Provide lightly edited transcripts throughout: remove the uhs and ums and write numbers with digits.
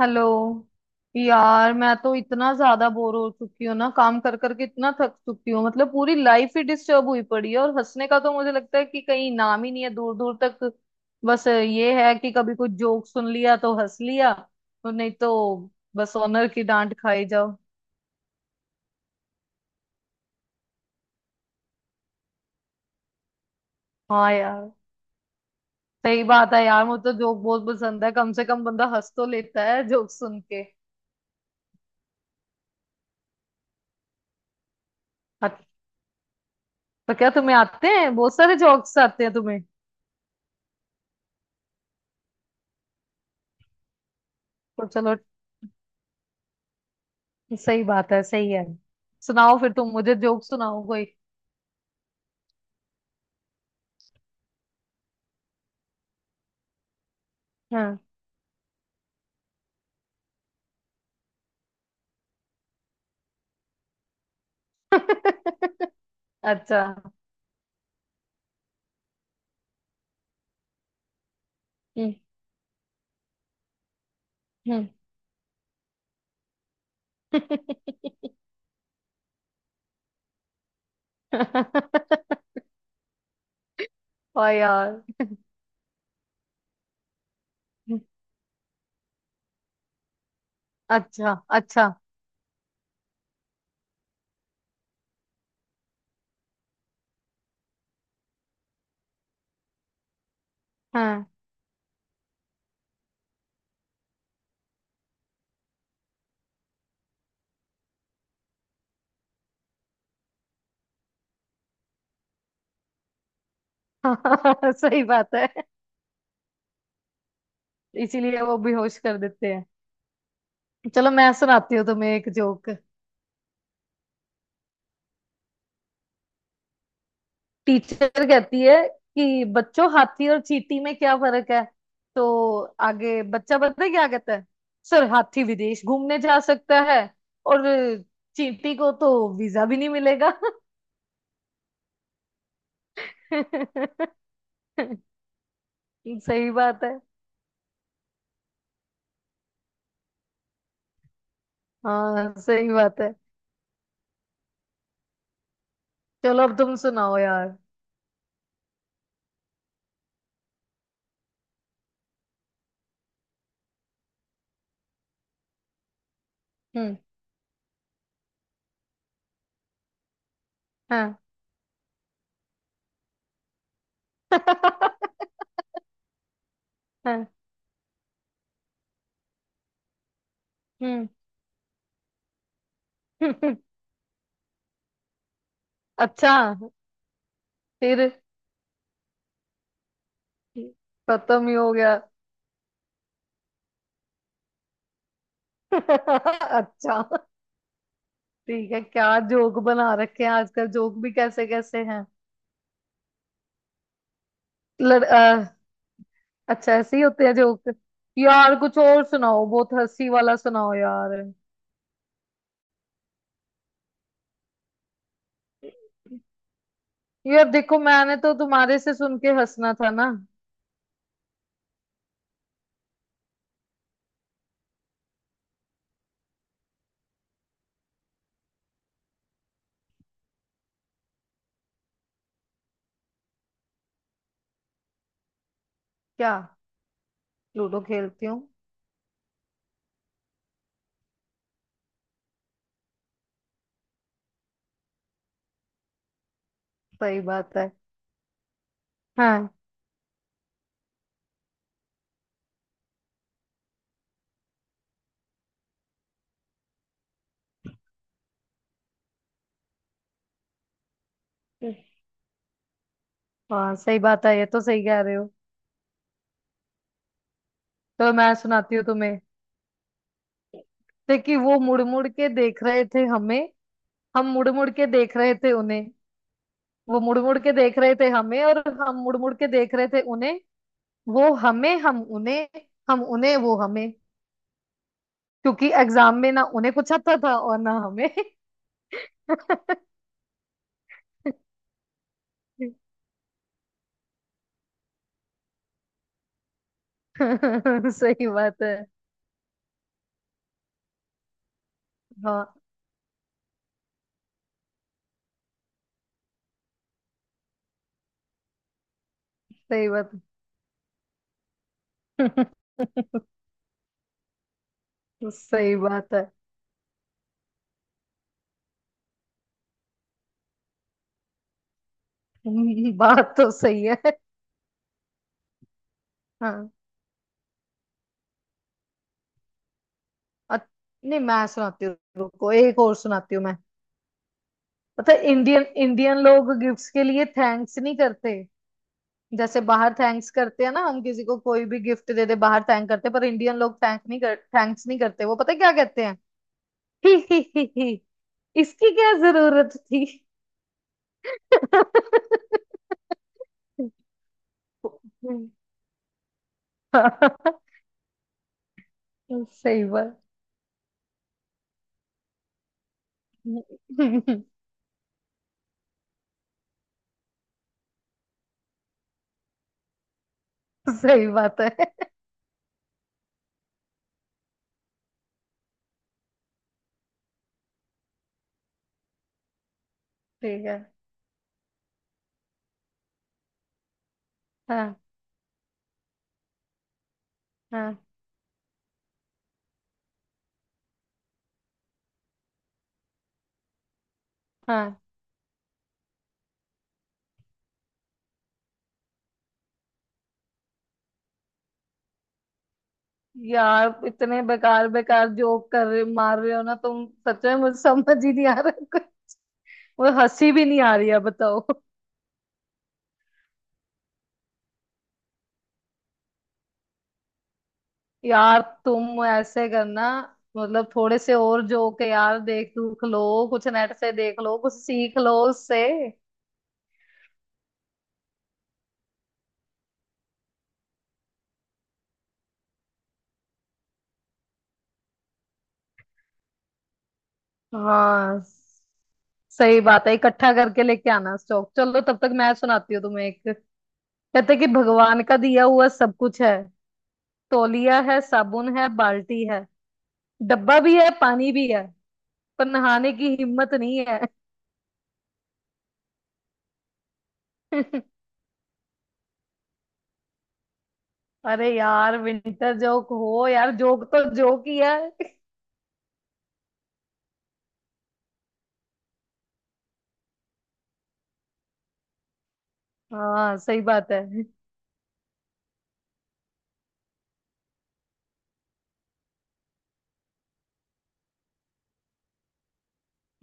Hello. यार मैं तो इतना ज्यादा बोर हो चुकी हूँ ना, काम कर करके इतना थक चुकी हूँ। मतलब पूरी लाइफ ही डिस्टर्ब हुई पड़ी है और हंसने का तो मुझे लगता है कि कहीं नाम ही नहीं है दूर दूर तक। बस ये है कि कभी कुछ जोक सुन लिया तो हंस लिया, और नहीं तो बस ऑनर की डांट खाई जाओ। हाँ यार, सही बात है यार, मुझे तो जोक बहुत पसंद है, कम से कम बंदा हंस तो लेता है जोक सुन के। अच्छा, तो क्या तुम्हें आते हैं बहुत सारे जोक्स आते हैं तुम्हें? तो चलो, सही बात है, सही है, सुनाओ फिर, तुम मुझे जोक सुनाओ कोई। हाँ। अच्छा। हम्म हम्म। ओ यार। अच्छा अच्छा। हाँ। सही बात है, इसीलिए वो बेहोश कर देते हैं। चलो मैं सुनाती हूँ तुम्हें एक जोक। टीचर कहती है कि बच्चों, हाथी और चींटी में क्या फर्क है? तो आगे बच्चा पता है क्या कहता है? सर, हाथी विदेश घूमने जा सकता है और चींटी को तो वीजा भी नहीं मिलेगा। सही बात है। हाँ सही बात है। चलो अब तुम सुनाओ यार। हम्म। हाँ। हाँ। हम्म। अच्छा। फिर? खत्म ही हो गया। अच्छा, ठीक है, क्या जोक बना रखे हैं आजकल, जोक भी कैसे कैसे हैं। लड़, अ, अच्छा, ऐसे ही होते हैं जोक। यार कुछ और सुनाओ, बहुत हंसी वाला सुनाओ यार। यार देखो, मैंने तो तुम्हारे से सुन के हंसना था ना। क्या? लूडो खेलती हूँ। सही बात है। हाँ हाँ, सही बात है, ये तो सही कह रहे हो। तो मैं सुनाती हूँ तुम्हें। थे कि वो मुड़ मुड़ के देख रहे थे हमें, हम मुड़ मुड़ के देख रहे थे उन्हें। वो मुड़ मुड़ के देख रहे थे हमें और हम मुड़ मुड़ के देख रहे थे उन्हें। वो हमें, हम उन्हें, हम उन्हें, वो हमें। क्योंकि एग्जाम में ना उन्हें कुछ आता था और ना हमें। सही बात है। हाँ सही बात है। सही बात है। बात तो सही है। हाँ। अ- नहीं, मैं सुनाती हूँ, रुको एक और सुनाती हूँ मैं। पता है इंडियन, इंडियन लोग गिफ्ट्स के लिए थैंक्स नहीं करते। जैसे बाहर थैंक्स करते हैं ना, हम किसी को कोई भी गिफ्ट दे दे बाहर थैंक करते हैं, पर इंडियन लोग थैंक नहीं कर, थैंक्स नहीं करते। वो पता है क्या कहते हैं? इसकी क्या जरूरत थी। सही बात। सही बात है। ठीक है। हाँ हाँ। हाँ यार, इतने बेकार बेकार जोक कर रहे मार रहे हो ना तुम, सच में मुझे समझ ही नहीं आ रहा। मुझे हंसी भी नहीं आ रही है बताओ। यार तुम ऐसे करना, मतलब थोड़े से और जोक है यार, देख दुख लो, कुछ नेट से देख लो, कुछ सीख लो उससे। हाँ सही बात है, इकट्ठा करके लेके आना स्टॉक। चलो तब तक मैं सुनाती हूँ तुम्हें एक। कहते कि भगवान का दिया हुआ सब कुछ है। तौलिया है, साबुन है, बाल्टी है, डब्बा भी है, पानी भी है, पर नहाने की हिम्मत नहीं है। अरे यार, विंटर जोक हो यार, जोक तो जोक ही है। हाँ सही बात है।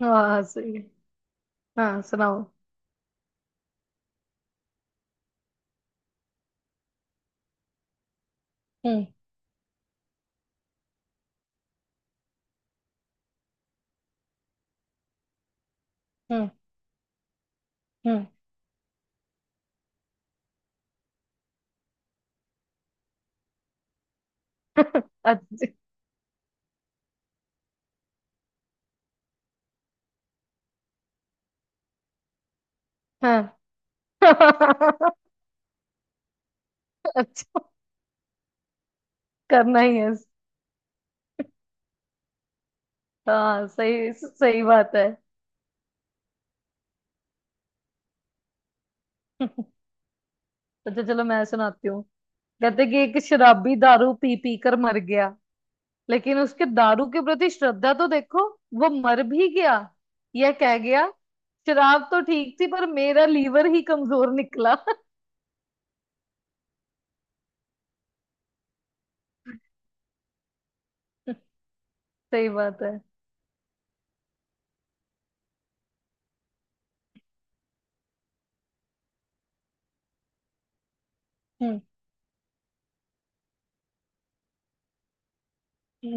हाँ सही। हाँ सुनाओ। हम्म। हम्म। हम्म। अच्छा। हाँ। अच्छा, करना ही है। हाँ सही, सही बात है। अच्छा चलो मैं सुनाती हूँ। कहते कि एक शराबी दारू पी पी कर मर गया, लेकिन उसके दारू के प्रति श्रद्धा तो देखो, वो मर भी गया, यह कह गया, शराब तो ठीक थी पर मेरा लीवर ही कमजोर निकला। सही बात है। हम्म।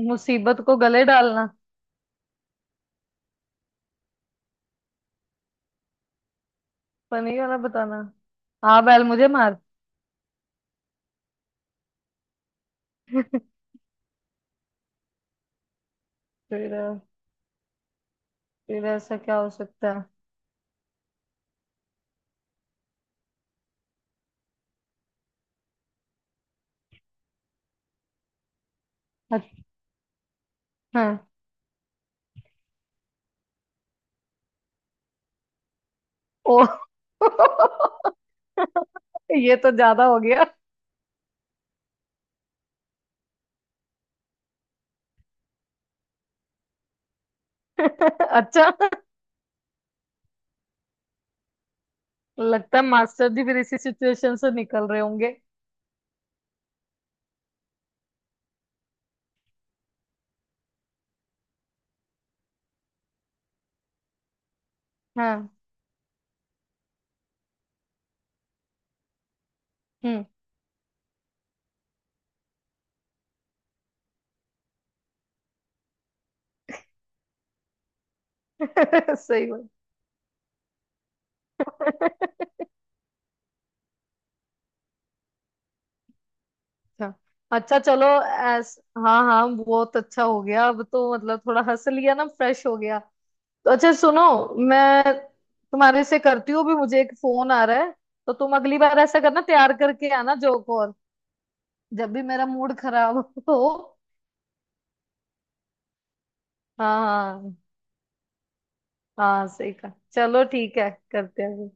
मुसीबत को गले डालना। फनी वाला बताना? आ बैल मुझे मार। फिर? फिर ऐसा क्या हो सकता है? अच्छा। हाँ। ओ। ये तो ज्यादा हो गया। अच्छा, लगता है मास्टर जी फिर इसी सिचुएशन से निकल रहे होंगे। हाँ। हम्म। सही बात। अच्छा। अच्छा चलो। ऐस। हाँ हाँ, बहुत अच्छा हो गया अब तो, मतलब थोड़ा हंस लिया ना, फ्रेश हो गया। तो अच्छा सुनो, मैं तुम्हारे से करती हूँ भी, मुझे एक फोन आ रहा है। तो तुम अगली बार ऐसा करना, तैयार करके आना जोक और। जब भी मेरा मूड खराब हो। हाँ हाँ। हाँ सही कहा, चलो ठीक है, करते हैं।